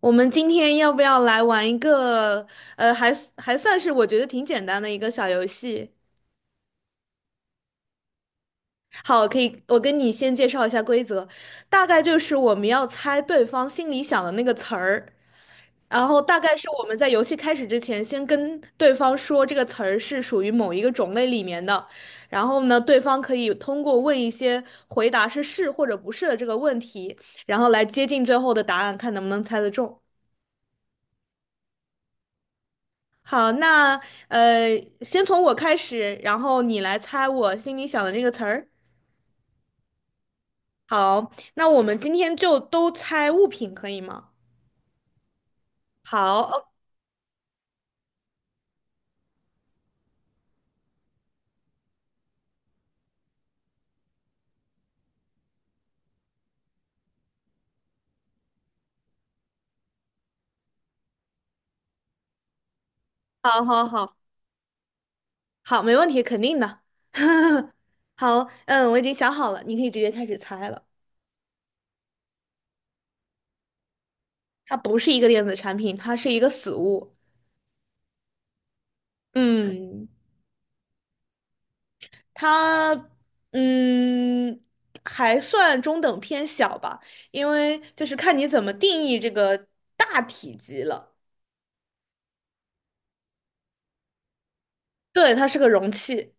我们今天要不要来玩一个，还算是我觉得挺简单的一个小游戏？好，可以，我跟你先介绍一下规则，大概就是我们要猜对方心里想的那个词儿，然后大概是我们在游戏开始之前，先跟对方说这个词儿是属于某一个种类里面的，然后呢，对方可以通过问一些回答是是或者不是的这个问题，然后来接近最后的答案，看能不能猜得中。好，那先从我开始，然后你来猜我心里想的这个词儿。好，那我们今天就都猜物品，可以吗？好，哦好，好，好，好，没问题，肯定的。好，嗯，我已经想好了，你可以直接开始猜了。它不是一个电子产品，它是一个死物。嗯，它嗯还算中等偏小吧，因为就是看你怎么定义这个大体积了。对，它是个容器，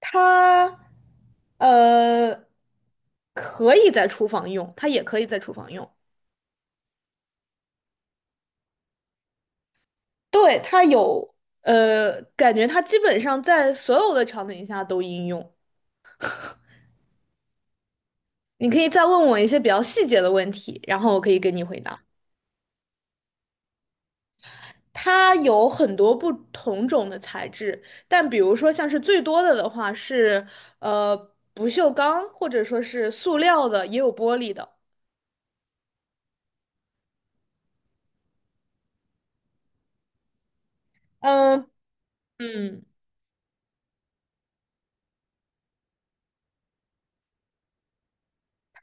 它呃可以在厨房用，它也可以在厨房用。对，它有感觉它基本上在所有的场景下都应用。你可以再问我一些比较细节的问题，然后我可以给你回答。它有很多不同种的材质，但比如说像是最多的的话是呃不锈钢，或者说是塑料的，也有玻璃的。嗯嗯。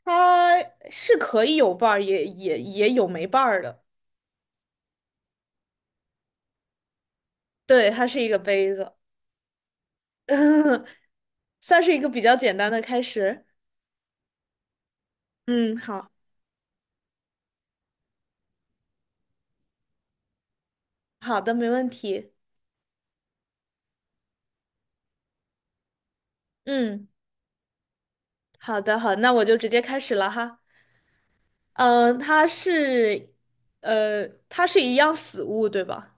它是可以有瓣儿，也有没瓣儿的。对，它是一个杯子，算是一个比较简单的开始。嗯，好，好的，没问题。嗯，好的，好，那我就直接开始了哈。嗯、它是，它是一样死物，对吧？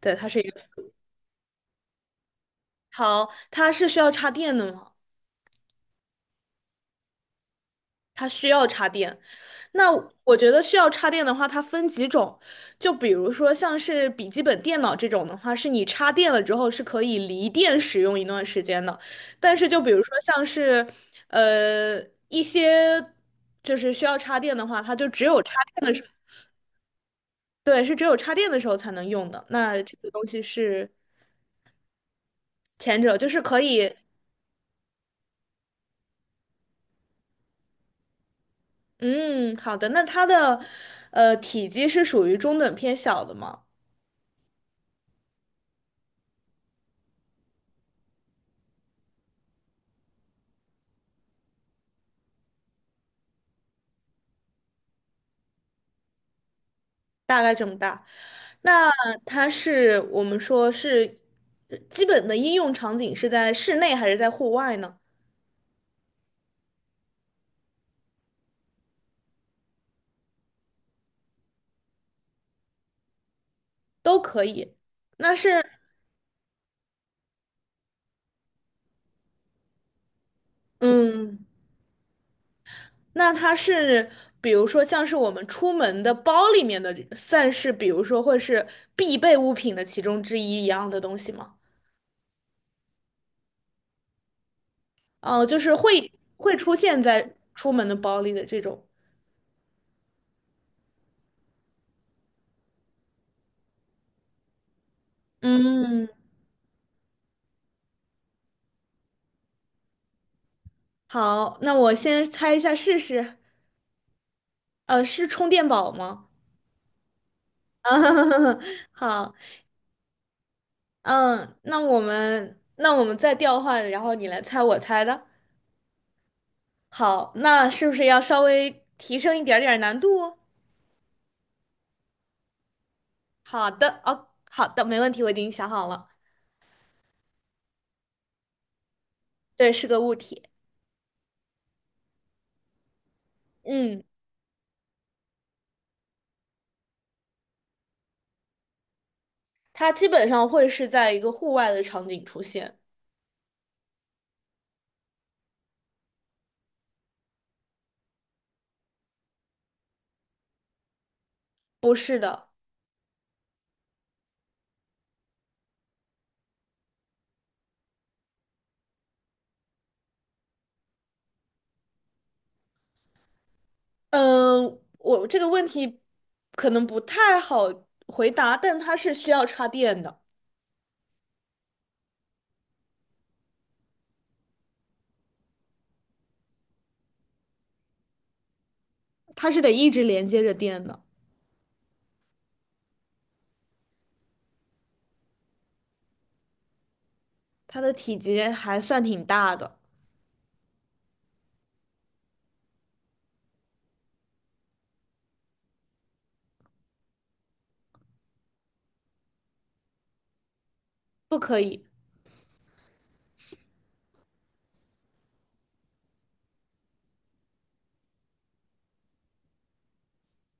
对，它是一个。好，它是需要插电的吗？它需要插电。那我觉得需要插电的话，它分几种，就比如说像是笔记本电脑这种的话，是你插电了之后是可以离电使用一段时间的。但是就比如说像是呃一些就是需要插电的话，它就只有插电的时候，对，是只有插电的时候才能用的。那这个东西是前者，就是可以，嗯，好的。那它的体积是属于中等偏小的吗？大概这么大。那它是我们说是基本的应用场景是在室内还是在户外呢？都可以。那是，嗯，那它是比如说像是我们出门的包里面的，算是比如说会是必备物品的其中之一一样的东西吗？哦，就是会出现在出门的包里的这种。嗯，好，那我先猜一下试试。是充电宝吗？啊，好。嗯，那我们再调换，然后你来猜我猜的。好，那是不是要稍微提升一点点难度哦？好的，哦，好的，没问题，我已经想好了。对，是个物体。嗯，它基本上会是在一个户外的场景出现。不是的，嗯，我这个问题可能不太好回答，但它是需要插电的，它是得一直连接着电的，它的体积还算挺大的，不可以。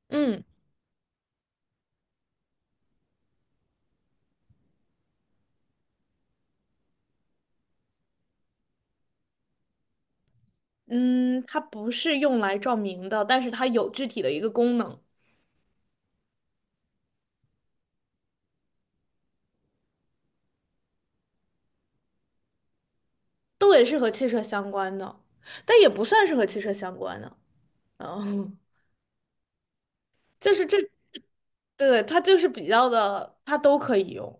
嗯。嗯，它不是用来照明的，但是它有具体的一个功能，都也是和汽车相关的，但也不算是和汽车相关的。嗯，就是这，对，它就是比较的，它都可以用，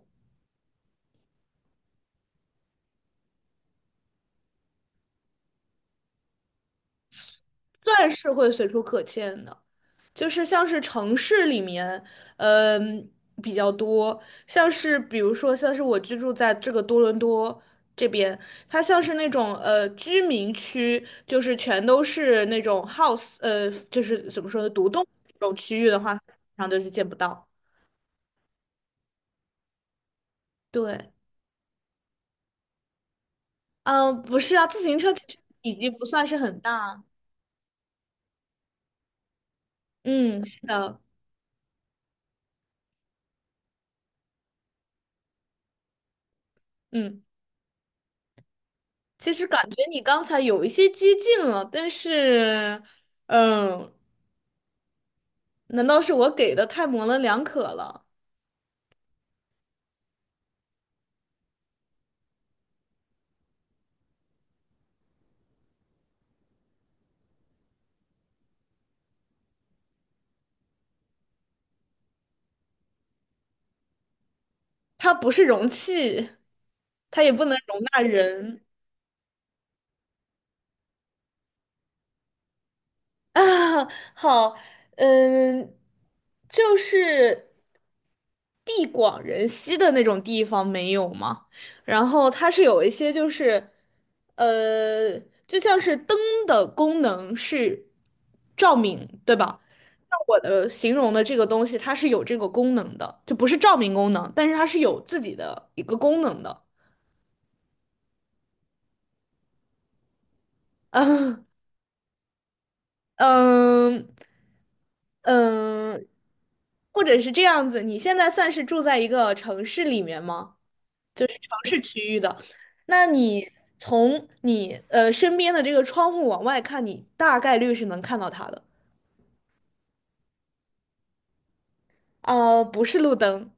钻是会随处可见的。就是像是城市里面，嗯，比较多，比如说像是我居住在这个多伦多这边，它像是那种居民区，就是全都是那种 house，就是怎么说呢，独栋这种区域的话，通常都是见不到。对，嗯，不是啊，自行车其实体积不算是很大。嗯，是的，嗯，其实感觉你刚才有一些激进了，但是，嗯。难道是我给的太模棱两可了？它不是容器，它也不能容纳人 啊。好，嗯，就是地广人稀的那种地方没有吗？然后它是有一些就是，呃，就像是灯的功能是照明，对吧？那我的形容的这个东西，它是有这个功能的，就不是照明功能，但是它是有自己的一个功能的。嗯嗯嗯，或者是这样子，你现在算是住在一个城市里面吗？那你从你身边的这个窗户往外看，你大概率是能看到它的。不是路灯，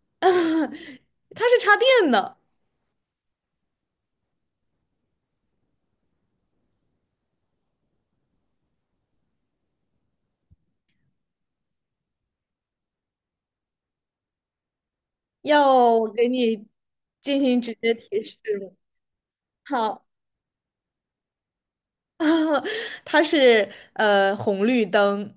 它是插电的。要我给你进行直接提示吗？好，它是红绿灯，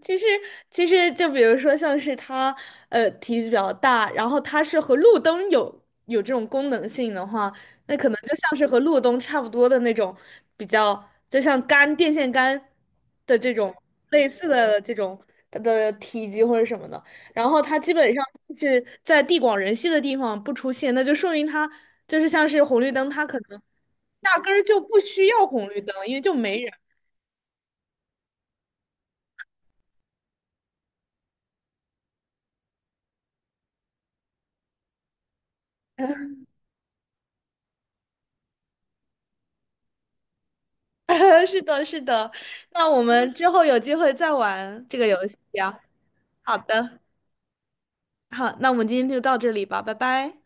其实，其实就比如说，像是它，体积比较大，然后它是和路灯有这种功能性的话，那可能就像是和路灯差不多的那种，比较就像杆电线杆的这种类似的这种它的体积或者什么的。然后它基本上是在地广人稀的地方不出现，那就说明它就是像是红绿灯，它可能压根儿就不需要红绿灯，因为就没人。是的，是的。那我们之后有机会再玩这个游戏啊。好的，好，那我们今天就到这里吧，拜拜。